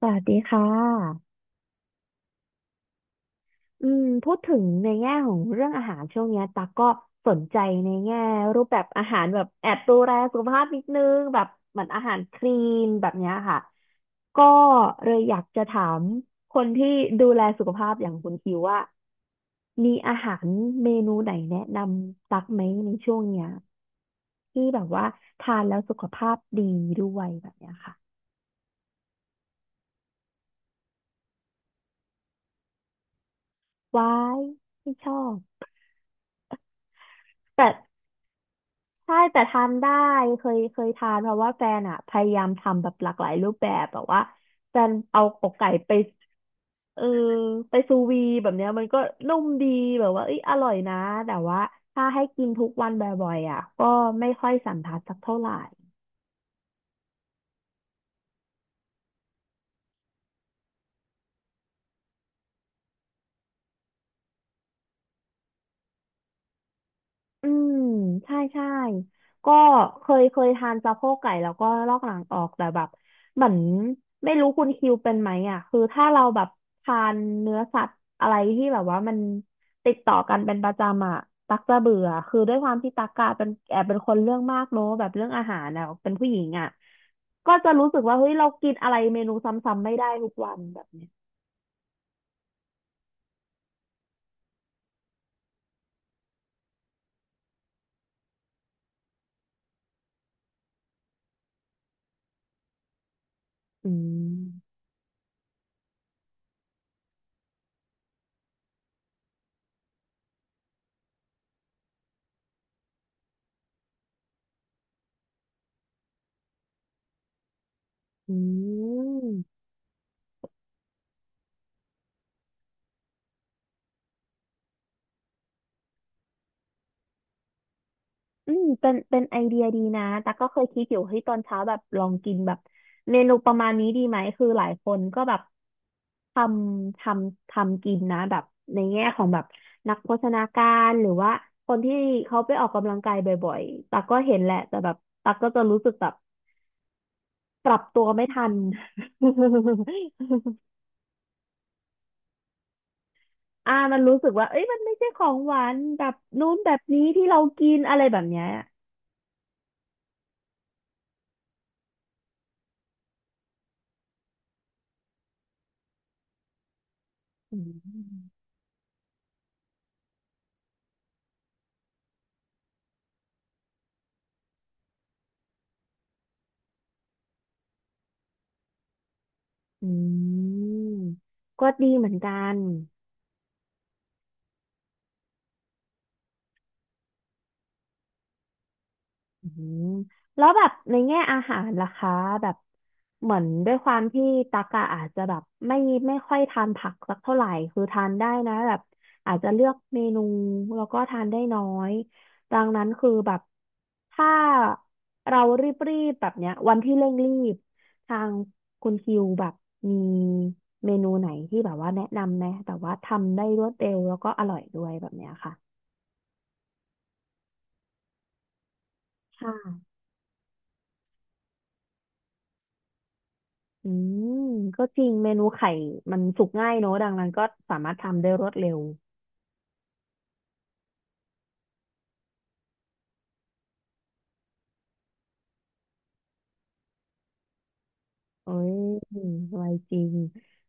สวัสดีค่ะพูดถึงในแง่ของเรื่องอาหารช่วงเนี้ยตักก็สนใจในแง่รูปแบบอาหารแบบแอบดูแลสุขภาพนิดนึงแบบเหมือนอาหารคลีนแบบเนี้ยค่ะก็เลยอยากจะถามคนที่ดูแลสุขภาพอย่างคุณคิวว่ามีอาหารเมนูไหนแนะนำตักไหมในช่วงเนี้ยที่แบบว่าทานแล้วสุขภาพดีด้วยแบบเนี้ยค่ะว้ายไม่ชอบ ใช่แต่ทานได้เคยทานเพราะว่าแฟนอ่ะพยายามทำแบบหลากหลายรูปแบบแบบว่าแฟนเอาอกไก่ไปเออไปซูวีแบบเนี้ยมันก็นุ่มดีแบบว่าเอ้ยอร่อยนะแต่ว่าถ้าให้กินทุกวันบ่อยๆอ่ะก็ไม่ค่อยสันทัดสักเท่าไหร่ อืมใช่ใช่ก็เคยทานสะโพกไก่แล้วก็ลอกหลังออกแต่แบบเหมือนไม่รู้คุณคิวเป็นไหมอ่ะคือถ้าเราแบบทานเนื้อสัตว์อะไรที่แบบว่ามันติดต่อกันเป็นประจำอ่ะตักจะเบื่อคือด้วยความที่ตักกะเป็นแอบเป็นคนเรื่องมากเนอะแบบเรื่องอาหารอ่ะเป็นผู้หญิงอ่ะก็จะรู้สึกว่าเฮ้ยเรากินอะไรเมนูซ้ำๆไม่ได้ทุกวันแบบเนี้ยอืมอืม อืมเป็นไอเดียดีนะแต่กก็เคยคิดอยู่เฮ้ยตอนเช้าแบบลองกินแบบเมนูประมาณนี้ดีไหมคือหลายคนก็แบบทำททำกินนะแบบในแง่ของแบบนักโภชนาการหรือว่าคนที่เขาไปออกกำลังกายบ่อยๆตักก็เห็นแหละแต่แบบตักก็จะรู้สึกแบบปรับตัวไม่ทัน อ่ามันรู้สึกว่าเอ้ยมันไม่ใช่ของหวานแบบนู้นแบบนี้ที่เรากินอะไรแบบเนี้ยอืม อืมก็ดีเหมือนกันอืมแล้วแบบในแง่อาหารล่ะคะแบบเหมือนด้วยความที่ตักอะอาจจะแบบไม่ไม่ค่อยทานผักสักเท่าไหร่คือทานได้นะแบบอาจจะเลือกเมนูแล้วก็ทานได้น้อยดังนั้นคือแบบถ้าเรารีบๆแบบเนี้ยวันที่เร่งรีบทางคุณคิวแบบมีเมนูไหนที่แบบว่าแนะนำไหมแต่ว่าทำได้รวดเร็วแล้วก็อร่อยด้วยแบบเนี้ยค่ะ ค่ะอืมก็จริงเมนูไข่มันสุกง่ายเนอะ ดังนั้นก็สามารถทำได้รวดเร็วเอ้ยไวจริง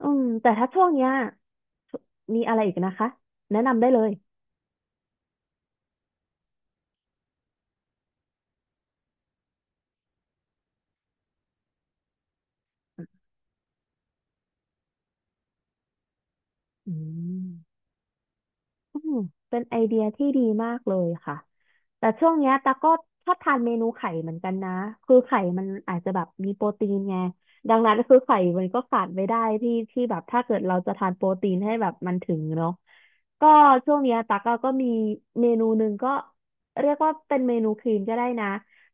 อืมแต่ถ้าช่วงเนี้ยมีอะไรอีกนะคะ แนะนำได้เลยอืม อืมเป็นไอเดียที่ดีมากเลยค่ะ แต่ช่วงเนี้ยตาก็ชอบทานเมนูไข่เหมือนกันนะ คือไข่มันอาจจะแบบมีโปรตีนไงดังนั้นคือไข่มันก็ขาดไม่ได้ที่แบบถ้าเกิดเราจะทานโปรตีนให้แบบมันถึงเนาะก็ช่วงเนี้ยตาก็มีเมนูหนึ่งก็เรียกว่าเป็นเมนูครีมก็ได้นะ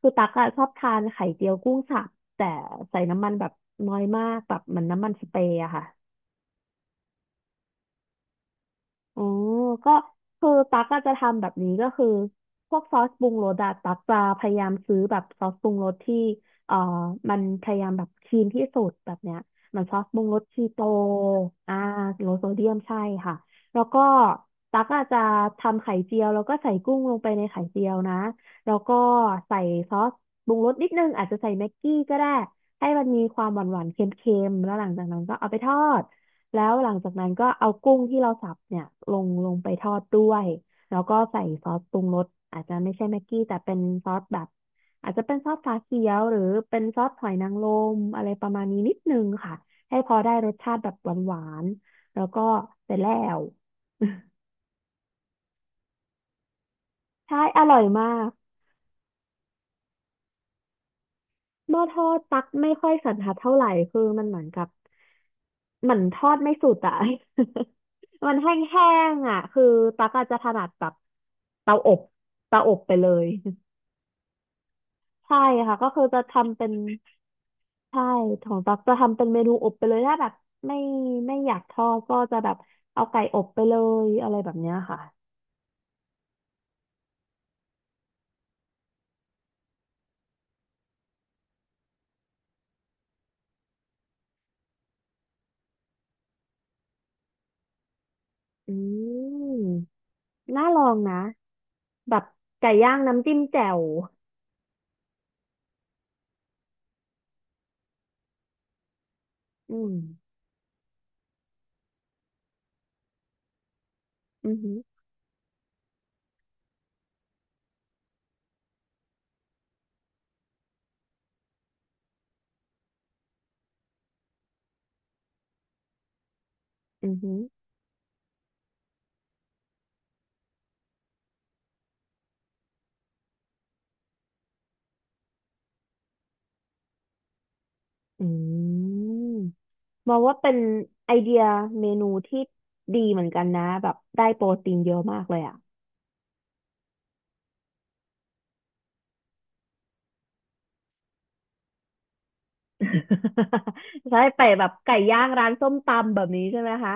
คือตักอะชอบทานไข่เจียวกุ้งสับแต่ใส่น้ำมันแบบน้อยมากแบบเหมือนน้ำมันสเปรย์อะค่ะ อ๋อก็คือตั๊กก็จะทำแบบนี้ก็คือพวกซอสปรุงรสอะตั๊กจะพยายามซื้อแบบซอสปรุงรสที่เอ่อมันพยายามแบบคลีนที่สุดแบบเนี้ยเหมันซอสปรุงรสคีโตอ่าโลโซเดียมใช่ค่ะแล้วก็ตั๊กอาจจะทำไข่เจียวแล้วก็ใส่กุ้งลงไปในไข่เจียวนะแล้วก็ใส่ซอสปรุงรสนิดนึงอาจจะใส่แม็กกี้ก็ได้ให้มันมีความหวานๆเค็มๆแล้วหลังจากนั้นก็เอาไปทอด แล้วหลังจากนั้นก็เอากุ้งที่เราสับเนี่ยลงไปทอดด้วยแล้วก็ใส่ซอสปรุงรสอาจจะไม่ใช่แม็กกี้แต่เป็นซอสแบบอาจจะเป็นซอสฝาเขียวหรือเป็นซอสหอยนางรมอะไรประมาณนี้นิดนึงค่ะให้พอได้รสชาติแบบหวานๆแล้วก็เสร็จแล้ว ใช่อร่อยมากหม้อทอดตักไม่ค่อยสันทัดเท่าไหร่คือมันเหมือนกับเหมือนทอดไม่สุดอะ มันแห้งๆอ่ะคือตักอาจจะถนัดแบบ เตาอบเตาอบไปเลยใช่ค่ะก็คือจะทำเป็นใช่ของตักจะทำเป็นเมนูอบไปเลยถ้าแบบไม่ไม่อยากทอดก็จะแบบเอาไก่อบไปเลยอะไรแบบเนี้ยค่ะอืมน่าลองนะแบบไก่ย่างน้ำจิ้มแจ่วอืมอือหืออือหืออืมมองว่าเป็นไอเดียเมนูที่ดีเหมือนกันนะแบบได้โปรตีนเยอะมากเลยอ่ะ ใช่ไปแบบไก่ย่างร้านส้มตำแบบนี้ใช่ไหมคะ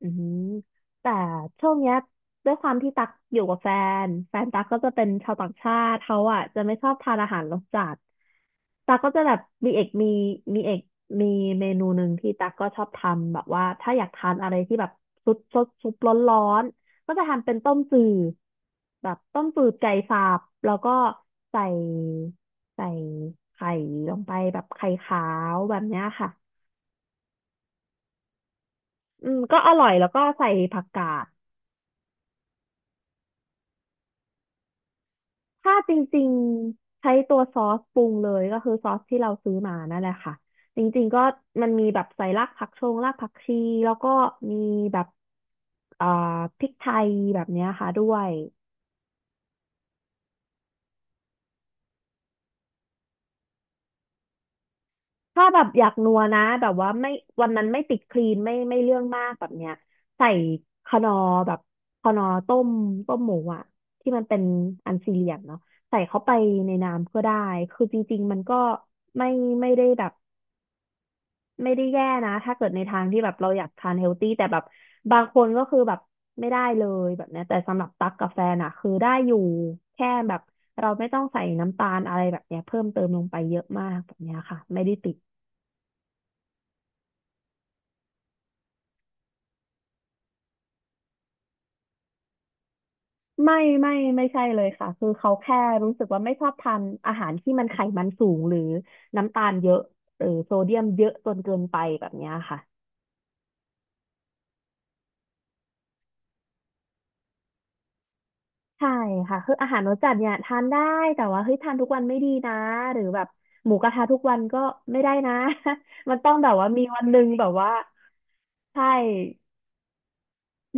อืมแต่ช่วงเนี้ยด้วยความที่ตักอยู่กับแฟนแฟนตักก็จะเป็นชาวต่างชาติเขาอ่ะจะไม่ชอบทานอาหารรสจัดตักก็จะแบบมีเอกมีมีเอกมีเมนูหนึ่งที่ตักก็ชอบทำแบบว่าถ้าอยากทานอะไรที่แบบซุปร้อนร้อนก็จะทำเป็นต้มจืดแบบต้มจืดไก่สับแล้วก็ใส่ใส่ไข่ลงไปแบบไข่ขาวแบบเนี้ยค่ะอืมก็อร่อยแล้วก็ใส่ผักกาด ถ้าจริงๆใช้ตัวซอสปรุงเลยก็คือซอสที่เราซื้อมานั่นแหละค่ะจริงๆก็มันมีแบบใส่รากผักชงรากผักชีแล้วก็มีแบบเอ่อพริกไทยแบบเนี้ยค่ะด้วยถ้าแบบอยากนัวนะแบบว่าไม่วันนั้นไม่ติดคลีนไม่เรื่องมากแบบเนี้ยใส่คนอร์แบบคนอร์ต้มหมูอ่ะที่มันเป็นอันสี่เหลี่ยมเนาะใส่เข้าไปในน้ำก็ได้คือจริงๆมันก็ไม่ไม่ได้แบบ ไม่ได้แย่นะถ้าเกิดในทางที่แบบเราอยากทานเฮลตี้แต่แบบบางคนก็คือแบบไม่ได้เลยแบบเนี้ยแต่สำหรับตั๊กกาแฟนอะคือได้อยู่แค่แบบเราไม่ต้องใส่น้ำตาลอะไรแบบเนี้ยเพิ่มเติมลงไปเยอะมากแบบเนี้ยค่ะไม่ได้ติดไม่ไม่ใช่เลยค่ะคือเขาแค่รู้สึกว่าไม่ชอบทานอาหารที่มันไขมันสูงหรือน้ำตาลเยอะหรือโซเดียมเยอะจนเกินไปแบบเนี้ยค่ะ ใช่ค่ะคืออาหารรสจัดเนี่ยทานได้แต่ว่าเฮ้ยทานทุกวันไม่ดีนะหรือแบบหมูกระทะทุกวันก็ไม่ได้นะ มันต้องแบบว่ามีวันหนึ่งแบบว่าใช่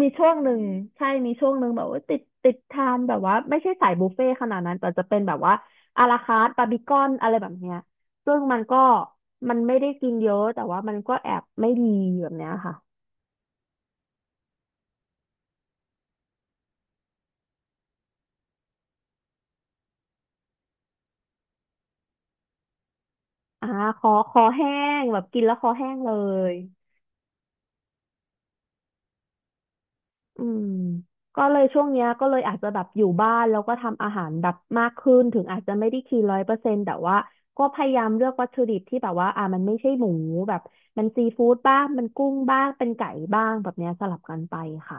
มีช่วงหนึ่งใช่มีช่วงหนึ่งแบบว่าติดทานแบบว่าไม่ใช่สายบุฟเฟ่ต์ขนาดนั้นแต่จะเป็นแบบว่าอาราคาร์ตบาร์บีคอนอะไรแบบเนี้ยซึ่งมันก็มันไม่ได้กินเยอะแต่ว่ามันก็แอบไม่ดีแบบเนี้ยค่ะอ่าคอแห้งแบบกินแล้วคอแห้งเลย อืมก็เลยช่วงเนี้ยก็เลยอาจจะแบบอยู่บ้านแล้วก็ทำอาหารแบบมากขึ้นถึงอาจจะไม่ได้คีน100%แต่ว่าก็พยายามเลือกวัตถุดิบที่แบบว่าอ่ามันไม่ใช่หมูแบบมันซีฟู้ดบ้างมันกุ้งบ้างเป็นไก่บ้างแบบเนี้ยสลับกันไปค่ะ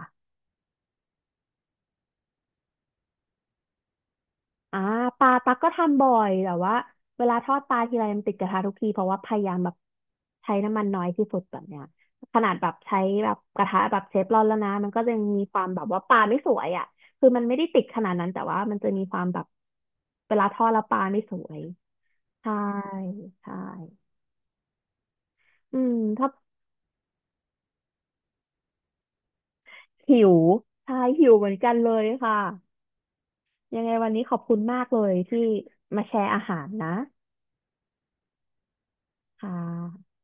อ่าปลาตักก็ทำบ่อยแต่ว่าเวลาทอดปลาทีไรมันติดกระทะทุกทีเพราะว่าพยายามแบบใช้น้ำมันน้อยที่สุดแบบเนี้ยขนาดแบบใช้แบบกระทะแบบเชฟร้อนแล้วนะมันก็ยังมีความแบบว่าปลาไม่สวยอ่ะคือมันไม่ได้ติดขนาดนั้นแต่ว่ามันจะมีความแบบเวลาทอดแล้วปลาไม่สวยใช่ใช่อืมถ้าหิวใช่หิวเหมือนกันเลยค่ะยังไงวันนี้ขอบคุณมากเลยที่มาแชร์อาหารนะค่ะ